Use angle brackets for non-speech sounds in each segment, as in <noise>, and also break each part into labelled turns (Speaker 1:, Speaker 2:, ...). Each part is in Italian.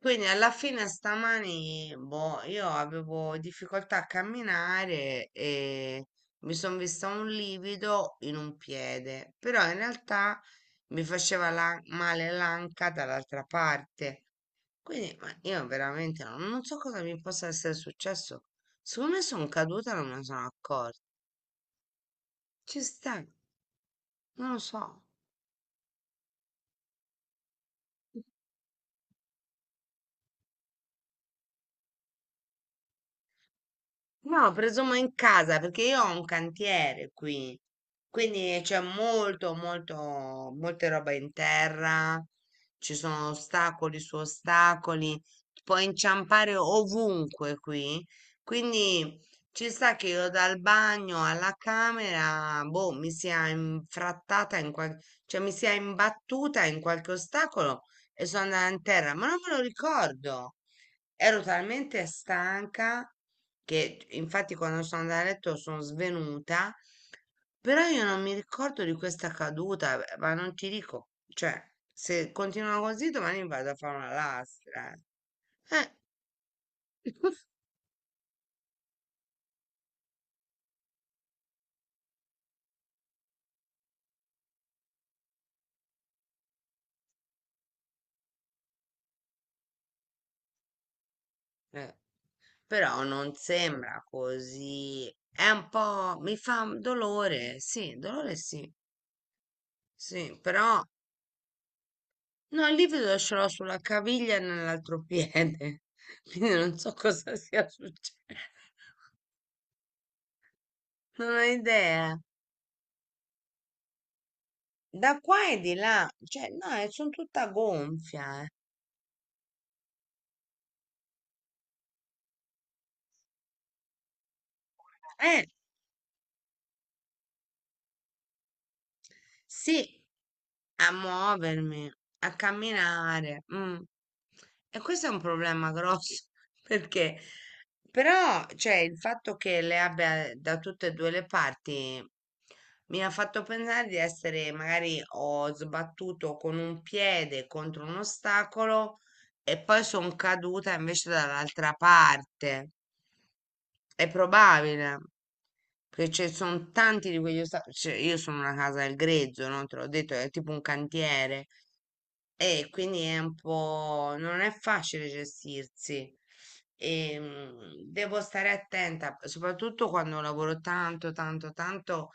Speaker 1: Quindi alla fine stamani, boh, io avevo difficoltà a camminare e mi sono vista un livido in un piede, però in realtà mi faceva male l'anca dall'altra parte. Quindi ma io veramente non so cosa mi possa essere successo. Secondo me sono caduta e non me ne sono accorta. Ci sta, non lo so. No, presumo in casa perché io ho un cantiere qui, quindi c'è molte roba in terra, ci sono ostacoli su ostacoli, puoi inciampare ovunque qui, quindi ci sta che io dal bagno alla camera, boh, mi sia infrattata in qualche, cioè mi sia imbattuta in qualche ostacolo e sono andata in terra, ma non me lo ricordo, ero talmente stanca che infatti quando sono andata a letto sono svenuta, però io non mi ricordo di questa caduta, ma non ti dico, cioè, se continua così domani vado a fare una lastra. Eh, eh, Però non sembra così. È un po', mi fa dolore, sì, dolore, sì, sì, però no, il livido ce l'ho sulla caviglia e nell'altro piede, <laughs> quindi non so cosa sia successo, non ho idea. Da qua e di là, cioè no, sono tutta gonfia. Eh, Eh, sì, a muovermi, a camminare. Mm. E questo è un problema grosso <laughs> perché però, cioè, il fatto che le abbia da tutte e due le parti mi ha fatto pensare di essere, magari ho sbattuto con un piede contro un ostacolo e poi sono caduta invece dall'altra parte. È probabile. Perché ci sono tanti di quegli ostacoli, cioè, io sono una casa del grezzo, no? Te l'ho detto, è tipo un cantiere e quindi è un po', non è facile gestirsi. E, devo stare attenta, soprattutto quando lavoro tanto, tanto, tanto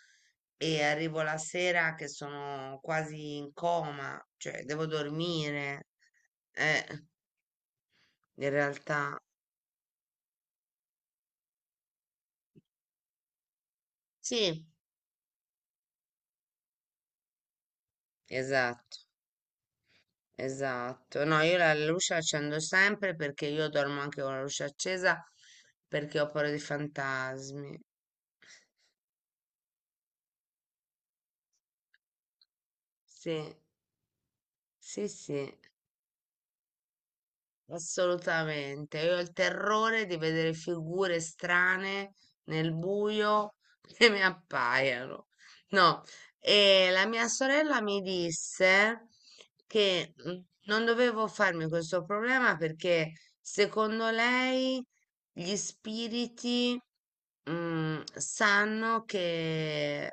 Speaker 1: e arrivo la sera che sono quasi in coma, cioè devo dormire. Eh, In realtà, sì, esatto. Esatto, no, io la luce la accendo sempre perché io dormo anche con la luce accesa perché ho paura dei fantasmi. Sì, sì, sì. Assolutamente, io ho il terrore di vedere figure strane nel buio <laughs> che mi appaiano. No, e la mia sorella mi disse che non dovevo farmi questo problema perché secondo lei gli spiriti, sanno che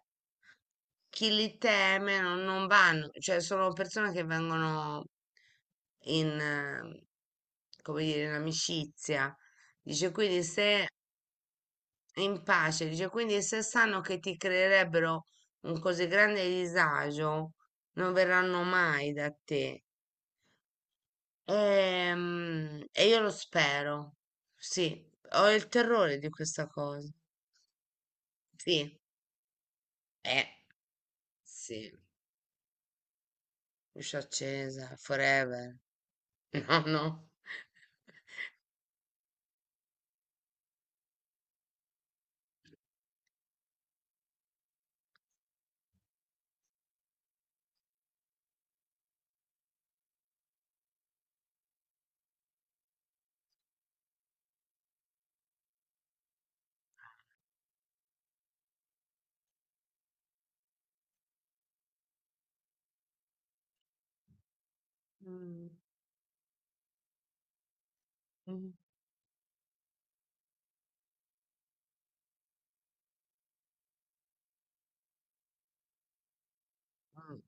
Speaker 1: chi li teme non vanno, cioè sono persone che vengono in, eh, come dire, in amicizia. Dice quindi se In pace, dice quindi se sanno che ti creerebbero un così grande disagio, non verranno mai da te. E, io lo spero. Sì, ho il terrore di questa cosa. Sì, eh, sì, luce accesa, forever. <laughs> No, no. Mh. Mh. Mh.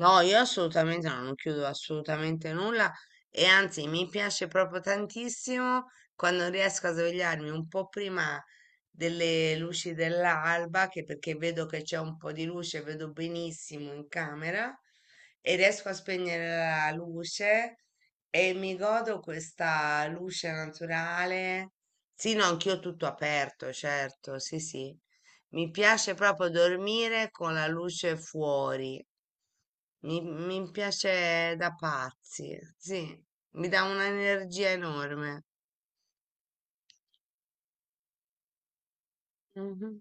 Speaker 1: No, io assolutamente no, non chiudo assolutamente nulla e anzi mi piace proprio tantissimo quando riesco a svegliarmi un po' prima delle luci dell'alba, che perché vedo che c'è un po' di luce, vedo benissimo in camera e riesco a spegnere la luce e mi godo questa luce naturale. Sì, no, anch'io tutto aperto, certo, sì, sì. Mi piace proprio dormire con la luce fuori, mi piace da pazzi, sì, mi dà un'energia enorme. Mhm.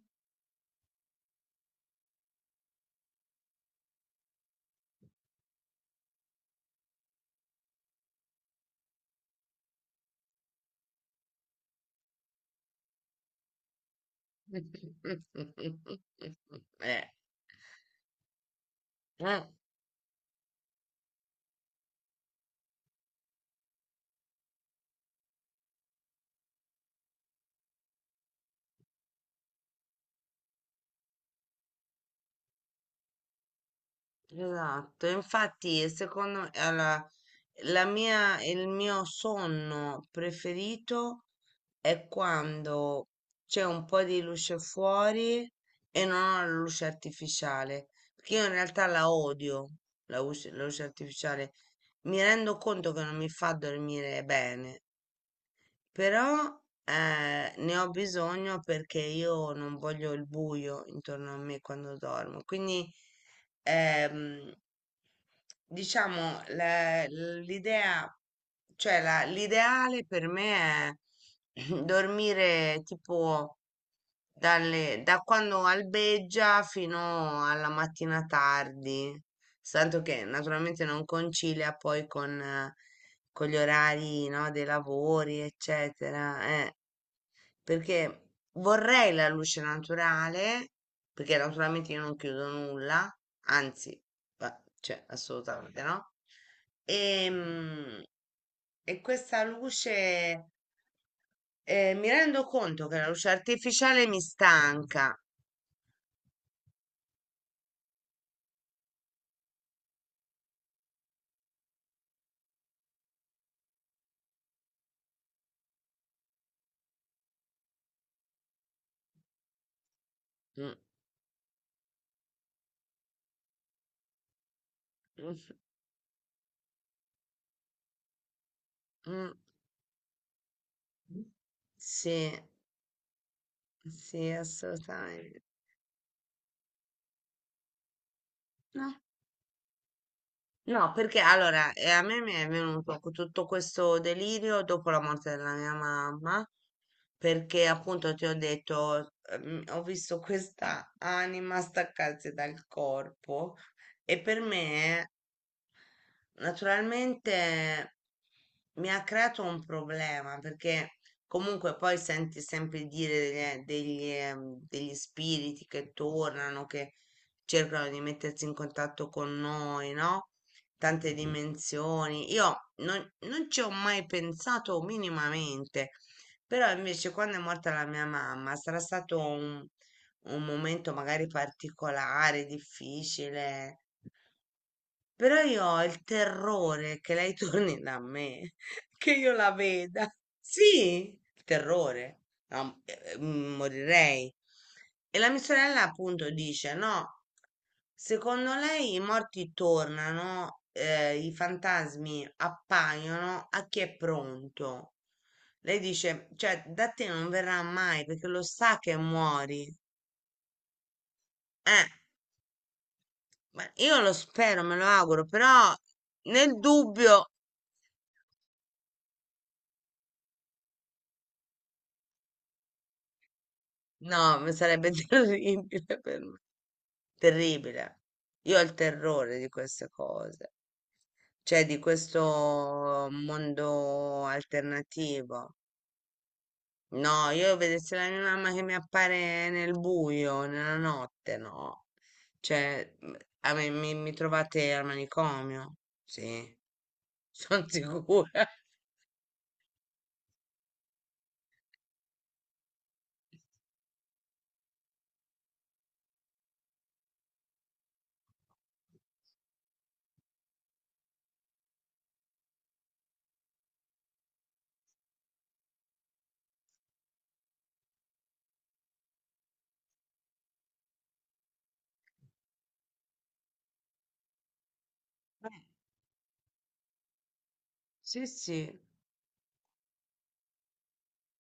Speaker 1: <laughs> Eh. Eh. Esatto, infatti secondo me il mio sonno preferito è quando c'è un po' di luce fuori e non ho la luce artificiale, perché io in realtà la odio, la luce artificiale. Mi rendo conto che non mi fa dormire bene, però ne ho bisogno perché io non voglio il buio intorno a me quando dormo, quindi. ehm, Diciamo, l'idea, cioè l'ideale per me è <clears throat> dormire tipo da quando albeggia fino alla mattina tardi, tanto che naturalmente non concilia poi con gli orari, no, dei lavori, eccetera. Perché vorrei la luce naturale, perché naturalmente io non chiudo nulla, anzi, cioè, assolutamente no. Ehm, E, questa luce, mi rendo conto che la luce artificiale mi stanca. Mm, mm, mm. Sì, sì, assolutamente. No. No, perché allora a me mi è venuto tutto questo delirio dopo la morte della mia mamma, perché appunto ti ho detto, ho visto questa anima staccarsi dal corpo e per me naturalmente mi ha creato un problema perché comunque poi senti sempre dire degli spiriti che tornano, che cercano di mettersi in contatto con noi, no? Tante dimensioni. Io non ci ho mai pensato minimamente, però invece quando è morta la mia mamma sarà stato un momento magari particolare, difficile però io ho il terrore che lei <laughs> torni da me, <laughs> che io la veda. Sì, il terrore. No, morirei. E la mia sorella appunto dice, no, secondo lei i morti tornano, i fantasmi appaiono a chi è pronto. Lei dice, cioè, da te non verrà mai perché lo sa che muori. Eh, ma io lo spero, me lo auguro, però nel dubbio. No, mi sarebbe <laughs> terribile per me. Terribile. Io ho il terrore di queste cose, cioè di questo mondo alternativo. No, io vedessi la mia mamma che mi appare nel buio, nella notte, no. Cioè, a me, mi trovate al manicomio? Sì, sono <laughs> sicura. Eh, Sì, sì.